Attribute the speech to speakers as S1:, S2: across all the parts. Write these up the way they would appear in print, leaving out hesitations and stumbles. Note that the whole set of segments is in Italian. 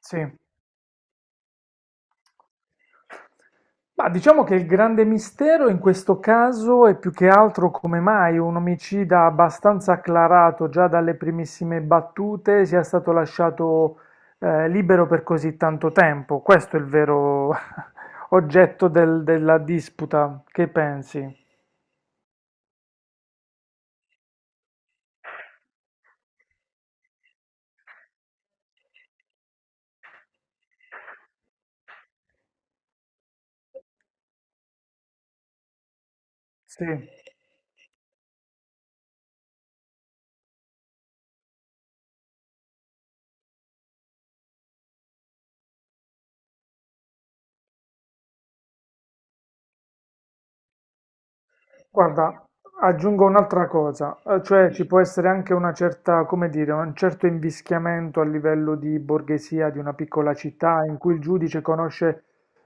S1: Sì. Ma diciamo che il grande mistero in questo caso è più che altro come mai un omicida abbastanza acclarato già dalle primissime battute sia stato lasciato libero per così tanto tempo. Questo è il vero oggetto della disputa. Che pensi? Sì. Guarda, aggiungo un'altra cosa, cioè ci può essere anche una certa, come dire, un certo invischiamento a livello di borghesia di una piccola città in cui il giudice conosce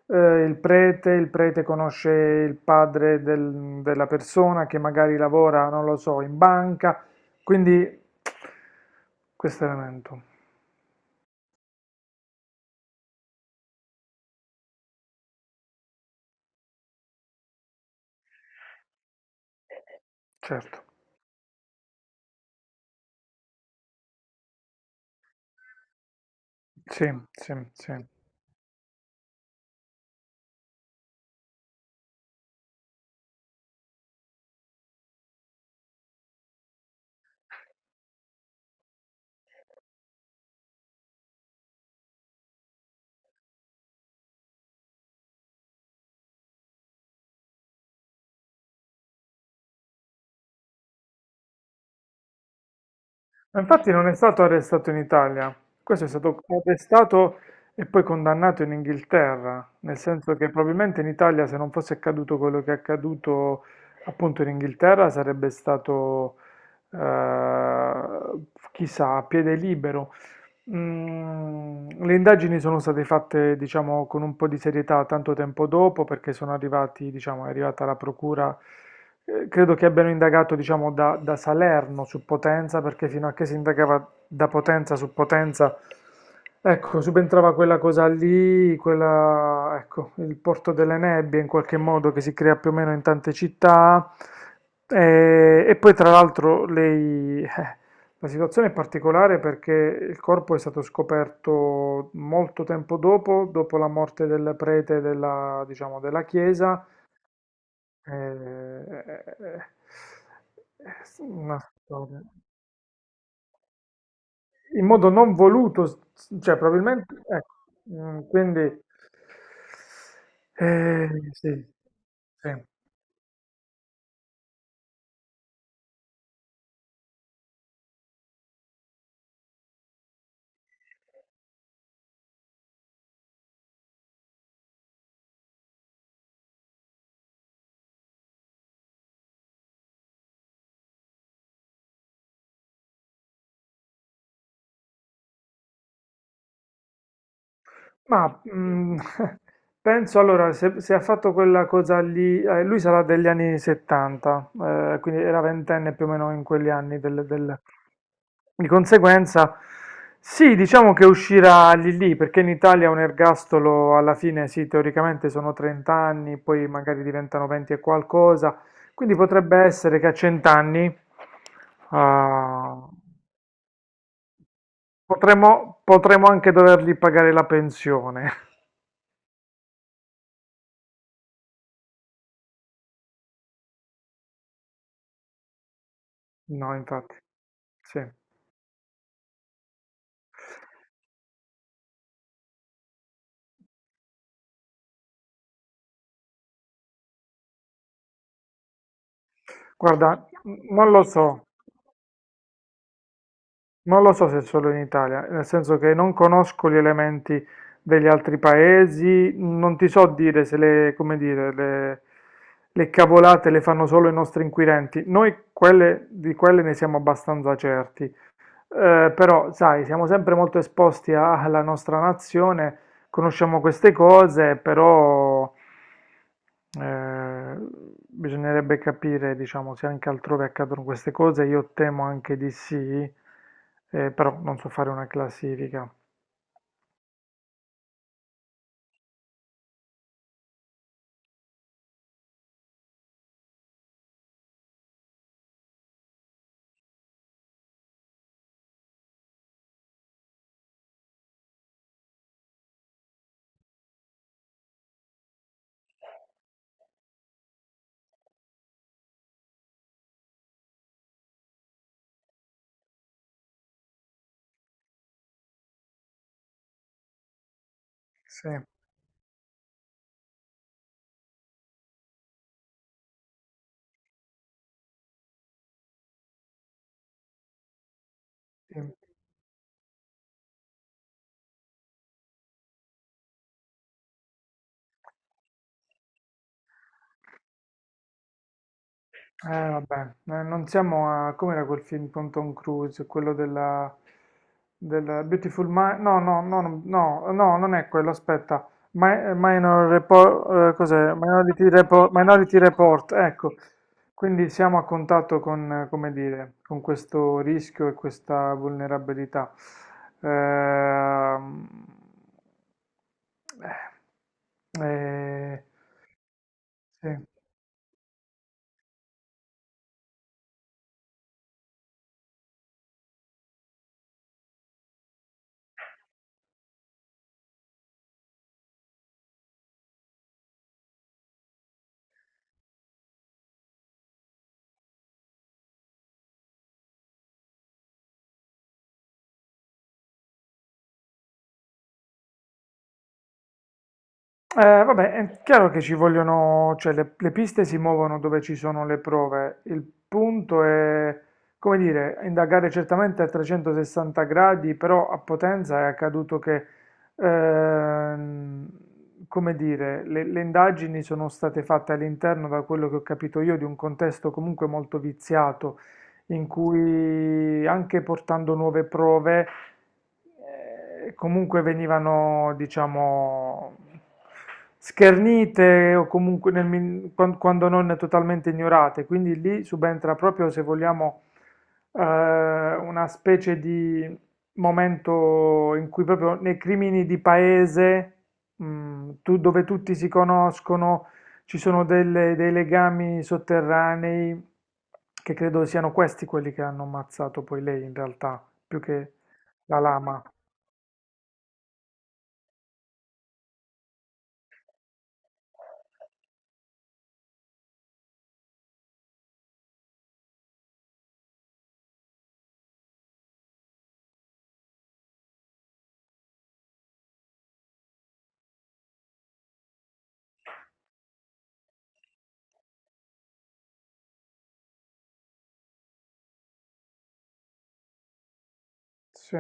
S1: il prete conosce il padre della persona che magari lavora, non lo so, in banca, quindi questo elemento, certo. Sì, sì, sì. Ma infatti non è stato arrestato in Italia, questo è stato arrestato e poi condannato in Inghilterra, nel senso che probabilmente in Italia se non fosse accaduto quello che è accaduto appunto in Inghilterra sarebbe stato, chissà, a piede libero. Le indagini sono state fatte, diciamo, con un po' di serietà tanto tempo dopo, perché sono arrivati, diciamo, è arrivata la procura, credo che abbiano indagato, diciamo, da Salerno su Potenza, perché fino a che si indagava da Potenza su Potenza, ecco, subentrava quella cosa lì, quella, ecco, il porto delle nebbie in qualche modo che si crea più o meno in tante città. E poi tra l'altro lei la situazione è particolare perché il corpo è stato scoperto molto tempo dopo, dopo la morte del prete della, diciamo, della chiesa. Eh, eh, eh, è una storia. In modo non voluto, cioè probabilmente, ecco, mm, quindi sì, sì. Ma penso allora, se ha fatto quella cosa lì, lui sarà degli anni 70, quindi era ventenne più o meno in quegli anni. Di conseguenza, sì, diciamo che uscirà lì lì, perché in Italia un ergastolo alla fine, sì, teoricamente sono 30 anni, poi magari diventano 20 e qualcosa, quindi potrebbe essere che a 100 anni ah, potremmo anche dovergli pagare la pensione. No, infatti. Sì, guarda, non lo so, non lo so se è solo in Italia, nel senso che non conosco gli elementi degli altri paesi, non ti so dire se come dire, le cavolate le fanno solo i nostri inquirenti, noi quelle, di quelle ne siamo abbastanza certi. Però, sai, siamo sempre molto esposti alla nostra nazione, conosciamo queste cose, però eh, bisognerebbe capire, diciamo, se anche altrove accadono queste cose. Io temo anche di sì, però non so fare una classifica. Sì, sì. Vabbè, non siamo a... Com'era quel film con Tom Cruise? Quello della... della Beautiful Mind? No, no, no, no, no, no, non è quello, aspetta. Minor Report, cos'è? Minority Report, Minority Report, ecco. Quindi siamo a contatto con, come dire, con questo rischio e questa vulnerabilità. Ehm, eh, sì. Vabbè, è chiaro che ci vogliono, cioè le piste si muovono dove ci sono le prove. Il punto è, come dire, indagare certamente a 360 gradi, però a Potenza è accaduto che, ehm, come dire, le indagini sono state fatte all'interno, da quello che ho capito io, di un contesto comunque molto viziato, in cui anche portando nuove prove, comunque venivano, diciamo, schernite o comunque nel quando non totalmente ignorate. Quindi lì subentra proprio, se vogliamo, una specie di momento in cui proprio nei crimini di paese, mm, dove tutti si conoscono ci sono dei legami sotterranei che credo siano questi quelli che hanno ammazzato poi lei in realtà, più che la lama. Sì.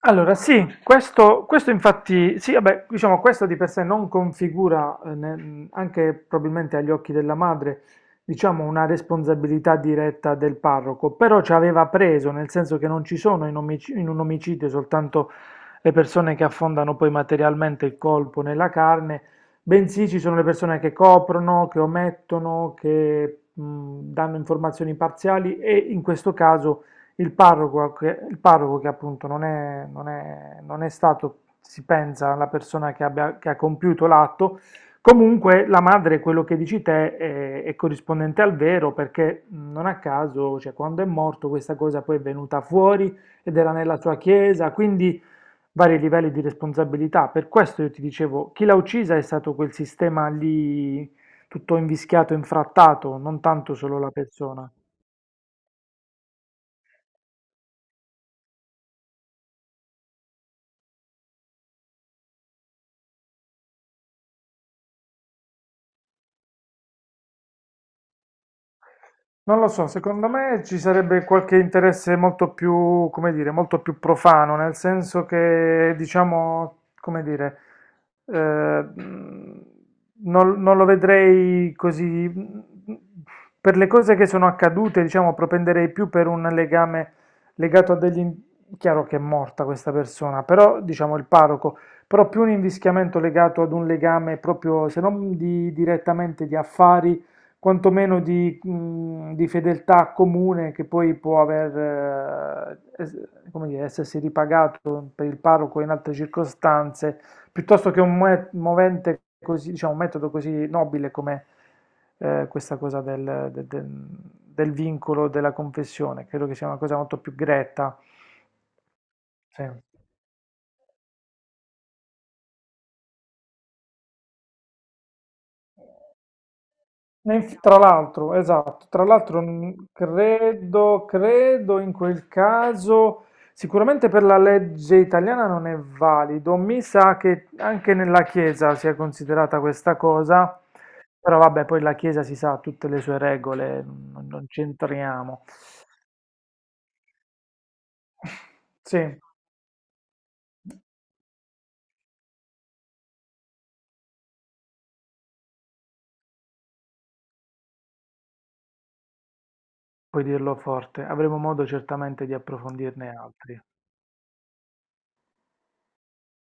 S1: Allora sì, questo infatti sì, vabbè, diciamo questo di per sé non configura, anche probabilmente agli occhi della madre, diciamo una responsabilità diretta del parroco, però ci aveva preso, nel senso che non ci sono in un omicidio soltanto le persone che affondano poi materialmente il colpo nella carne, bensì ci sono le persone che coprono, che omettono, che danno informazioni parziali e in questo caso il parroco che appunto non è stato, si pensa, la persona che, che ha compiuto l'atto, comunque la madre, quello che dici te, è corrispondente al vero perché non a caso, cioè, quando è morto questa cosa poi è venuta fuori ed era nella sua chiesa, quindi vari livelli di responsabilità. Per questo io ti dicevo, chi l'ha uccisa è stato quel sistema lì tutto invischiato, infrattato, non tanto solo la persona. Non lo so, secondo me ci sarebbe qualche interesse molto più, come dire, molto più profano, nel senso che, diciamo, come dire, eh, mh, non lo vedrei così. Per le cose che sono accadute, diciamo, propenderei più per un legame legato a degli... Chiaro che è morta questa persona, però, diciamo, il parroco, però più un invischiamento legato ad un legame proprio, se non direttamente di affari quantomeno di fedeltà comune che poi può aver, eh, es- come dire, essersi ripagato per il parroco in altre circostanze, piuttosto che un movente così, diciamo, un metodo così nobile come questa cosa del vincolo della confessione. Credo che sia una cosa molto più gretta. Sì. E tra l'altro, esatto, tra l'altro credo in quel caso, sicuramente per la legge italiana non è valido, mi sa che anche nella Chiesa sia considerata questa cosa, però vabbè, poi la Chiesa si sa ha tutte le sue regole, non c'entriamo. Sì, puoi dirlo forte, avremo modo certamente di approfondirne altri.